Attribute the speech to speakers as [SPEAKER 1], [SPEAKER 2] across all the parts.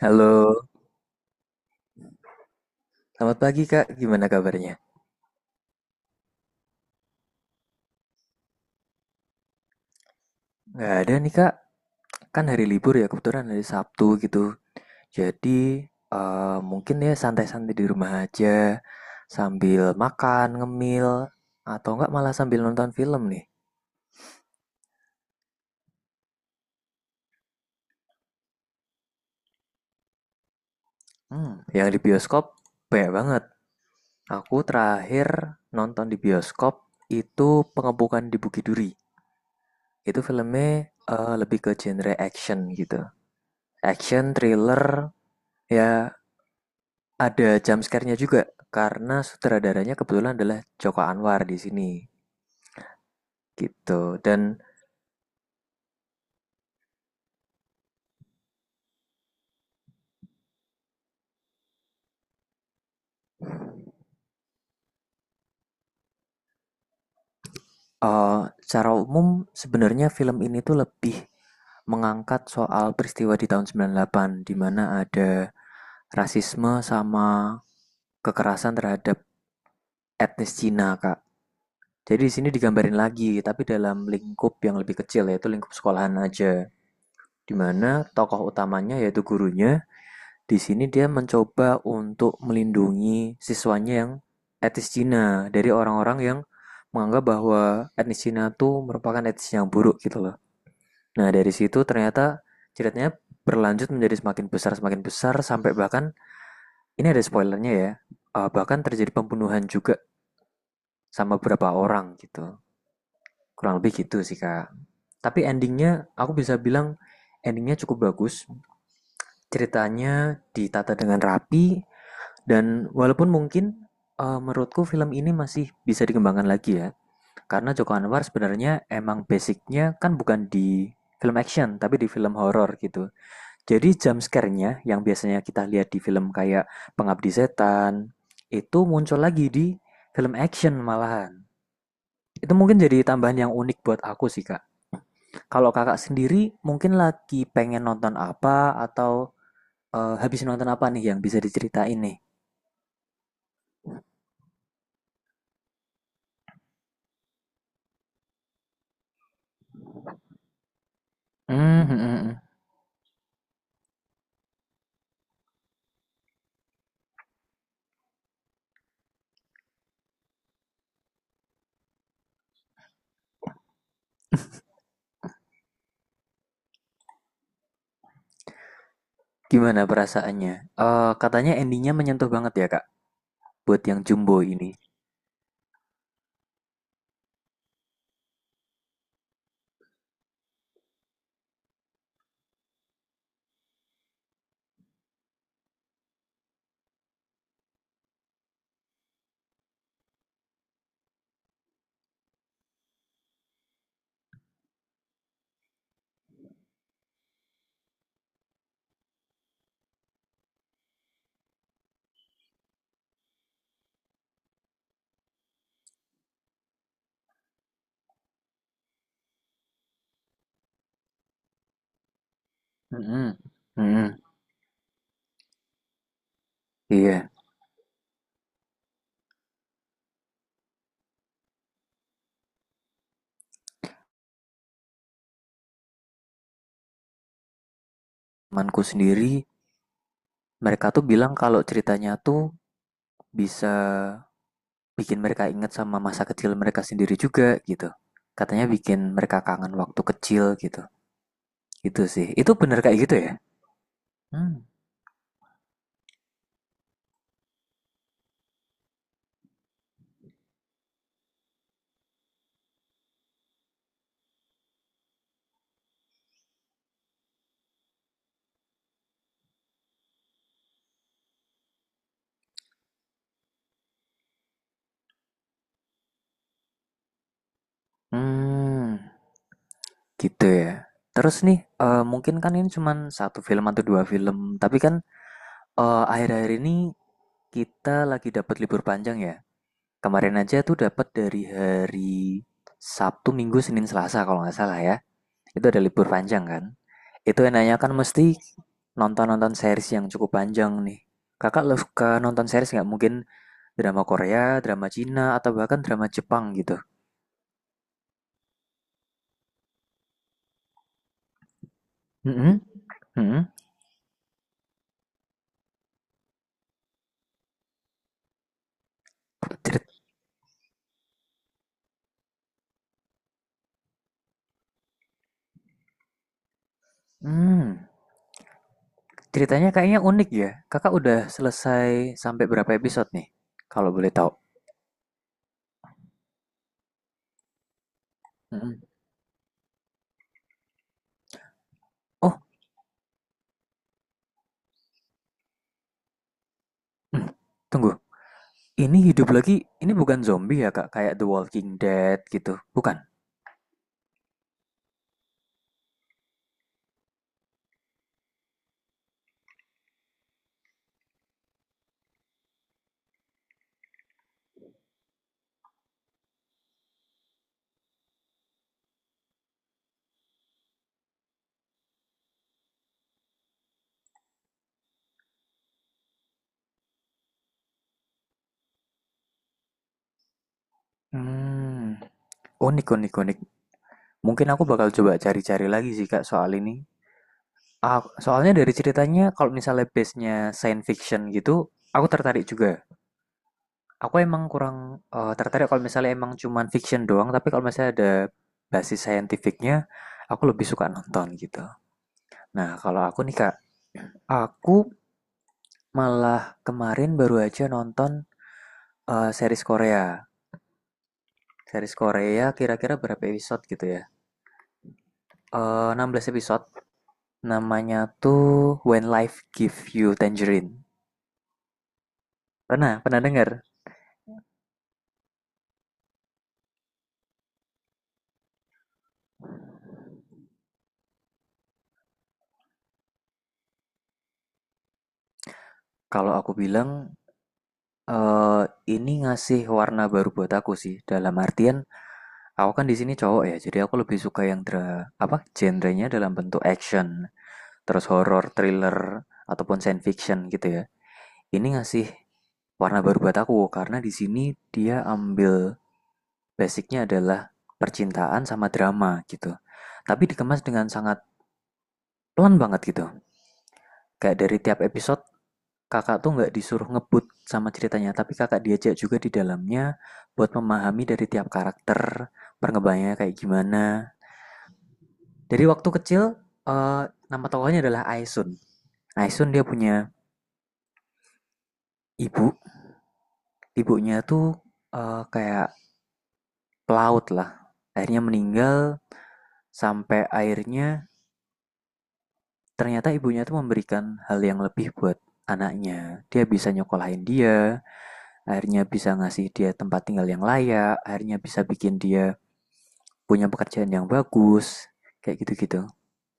[SPEAKER 1] Halo, selamat pagi Kak. Gimana kabarnya? Nggak ada nih Kak, kan hari libur ya kebetulan hari Sabtu gitu. Jadi mungkin ya santai-santai di rumah aja sambil makan, ngemil, atau nggak malah sambil nonton film nih. Yang di bioskop banyak banget. Aku terakhir nonton di bioskop itu Pengepungan di Bukit Duri. Itu filmnya lebih ke genre action gitu. Action, thriller, ya. Ada jump scare-nya juga, karena sutradaranya kebetulan adalah Joko Anwar di sini, gitu. Dan secara umum sebenarnya film ini tuh lebih mengangkat soal peristiwa di tahun 98 di mana ada rasisme sama kekerasan terhadap etnis Cina, Kak. Jadi di sini digambarin lagi, tapi dalam lingkup yang lebih kecil, yaitu lingkup sekolahan aja. Di mana tokoh utamanya yaitu gurunya. Di sini dia mencoba untuk melindungi siswanya yang etnis Cina dari orang-orang yang menganggap bahwa etnis Cina tuh merupakan etnis yang buruk gitu loh. Nah, dari situ ternyata ceritanya berlanjut menjadi semakin besar sampai bahkan ini ada spoilernya ya. Bahkan terjadi pembunuhan juga sama beberapa orang gitu. Kurang lebih gitu sih, Kak. Tapi endingnya aku bisa bilang endingnya cukup bagus. Ceritanya ditata dengan rapi. Dan walaupun mungkin, menurutku film ini masih bisa dikembangkan lagi ya, karena Joko Anwar sebenarnya emang basicnya kan bukan di film action, tapi di film horor gitu. Jadi jump scare-nya yang biasanya kita lihat di film kayak Pengabdi Setan, itu muncul lagi di film action malahan. Itu mungkin jadi tambahan yang unik buat aku sih, Kak. Kalau Kakak sendiri mungkin lagi pengen nonton apa, atau habis nonton apa nih yang bisa diceritain nih? Mmm, mhm mhm. Gimana perasaannya? Katanya endingnya menyentuh banget ya, Kak, buat yang Jumbo ini? Mhm, mhm, iya. Temanku sendiri, mereka tuh bilang kalau ceritanya tuh bisa bikin mereka ingat sama masa kecil mereka sendiri juga, gitu. Katanya bikin mereka kangen waktu kecil, gitu. Itu sih. Itu bener kayak gitu ya? Mmm, mmm, gitu ya. Terus nih, mungkin kan ini cuman satu film atau 2 film, tapi kan, eh, akhir-akhir ini kita lagi dapat libur panjang ya. Kemarin aja tuh dapat dari hari Sabtu, Minggu, Senin, Selasa kalau nggak salah ya. Itu ada libur panjang kan. Itu enaknya kan mesti nonton-nonton series yang cukup panjang nih. Kakak lo suka nonton series nggak? Mungkin drama Korea, drama Cina, atau bahkan drama Jepang gitu. Mm-mm, mm-mm. Cerit- Hmm, ceritanya kayaknya unik ya. Kakak udah selesai sampai berapa episode nih? Kalau boleh tahu. Mm-mm. Oh, mm, tunggu. Ini hidup lagi, ini bukan zombie ya Kak, kayak The Walking Dead gitu, bukan? Hmm, unik unik unik. Mungkin aku bakal coba cari-cari lagi sih Kak soal ini. Ah, soalnya dari ceritanya kalau misalnya base-nya science fiction gitu, aku tertarik juga. Aku emang kurang tertarik kalau misalnya emang cuman fiction doang, tapi kalau misalnya ada basis saintifiknya, aku lebih suka nonton gitu. Nah, kalau aku nih Kak, aku malah kemarin baru aja nonton series Korea. Series Korea kira-kira berapa episode gitu ya? Eh, 16 episode. Namanya tuh When Life Give You Tangerine. Pernah, pernah dengar? Kalau aku bilang, eh ini ngasih warna baru buat aku sih. Dalam artian aku kan di sini cowok ya, jadi aku lebih suka yang apa? Genrenya dalam bentuk action, terus horror, thriller ataupun science fiction gitu ya. Ini ngasih warna baru buat aku karena di sini dia ambil. Basicnya adalah percintaan sama drama gitu. Tapi dikemas dengan sangat pelan banget gitu. Kayak dari tiap episode kakak tuh nggak disuruh ngebut sama ceritanya, tapi kakak diajak juga di dalamnya buat memahami dari tiap karakter, perkembangannya kayak gimana. Dari waktu kecil, eh, nama tokohnya adalah Aisun. Aisun dia punya ibu, ibunya tuh kayak pelaut lah. Akhirnya meninggal, sampai akhirnya ternyata ibunya tuh memberikan hal yang lebih buat anaknya. Dia bisa nyekolahin dia, akhirnya bisa ngasih dia tempat tinggal yang layak, akhirnya bisa bikin dia punya pekerjaan yang bagus, kayak gitu-gitu.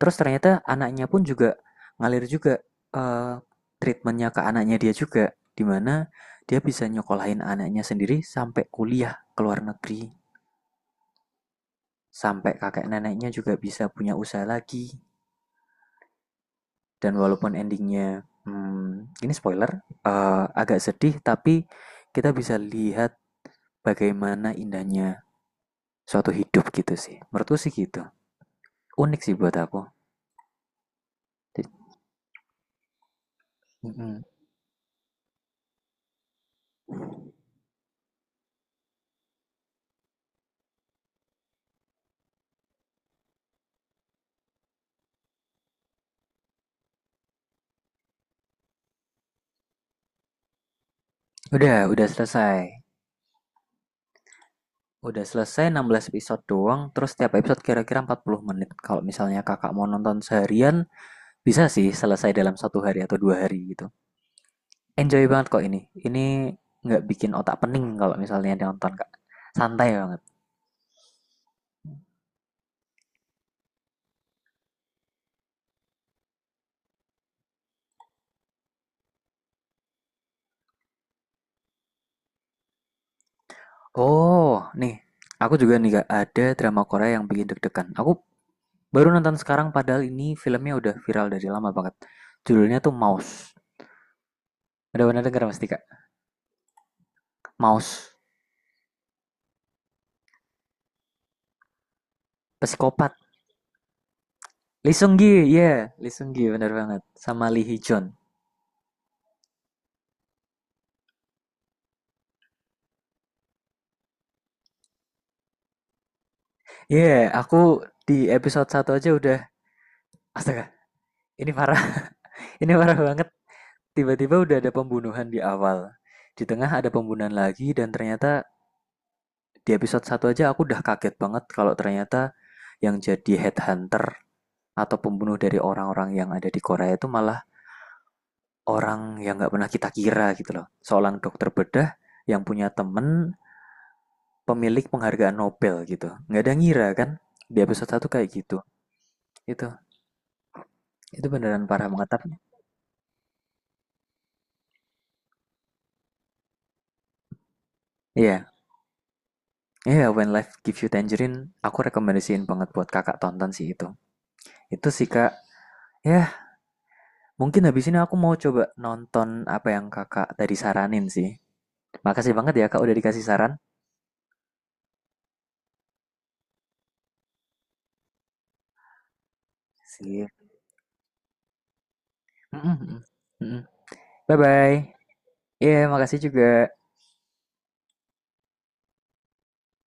[SPEAKER 1] Terus ternyata anaknya pun juga ngalir juga eh, treatmentnya ke anaknya dia juga, dimana dia bisa nyekolahin anaknya sendiri sampai kuliah ke luar negeri, sampai kakek neneknya juga bisa punya usaha lagi. Dan walaupun endingnya, hmm, ini spoiler, agak sedih, tapi kita bisa lihat bagaimana indahnya suatu hidup gitu sih. Menurutku sih gitu. Unik sih buat aku. Udah selesai. Udah selesai 16 episode doang, terus setiap episode kira-kira 40 menit. Kalau misalnya kakak mau nonton seharian, bisa sih selesai dalam satu hari atau dua hari gitu. Enjoy banget kok ini. Ini nggak bikin otak pening kalau misalnya nonton, Kak. Santai banget. Oh, nih, aku juga nih gak ada drama Korea yang bikin deg-degan. Aku baru nonton sekarang padahal ini filmnya udah viral dari lama banget. Judulnya tuh Mouse. Ada benar dengar pasti Kak? Mouse. Psikopat. Lee Seung Gi, iya, Lee Seung Gi benar banget. Sama Lee Hee Jun. Iya, aku di episode satu aja udah astaga, ini parah. Ini parah banget. Tiba-tiba udah ada pembunuhan di awal. Di tengah ada pembunuhan lagi dan ternyata di episode satu aja aku udah kaget banget kalau ternyata yang jadi headhunter atau pembunuh dari orang-orang yang ada di Korea itu malah orang yang nggak pernah kita kira gitu loh. Seorang dokter bedah yang punya temen pemilik penghargaan Nobel gitu. Nggak ada ngira kan? Di episode satu kayak gitu. Itu itu beneran parah mengetapnya. Iya, iya, When Life Gives You Tangerine aku rekomendasiin banget buat kakak tonton sih itu. Itu sih kak. Ya, yeah, mungkin habis ini aku mau coba nonton apa yang kakak tadi saranin sih. Makasih banget ya Kak udah dikasih saran. Sip. Mm-mm, mm-mm. Bye-bye. Iya, makasih juga.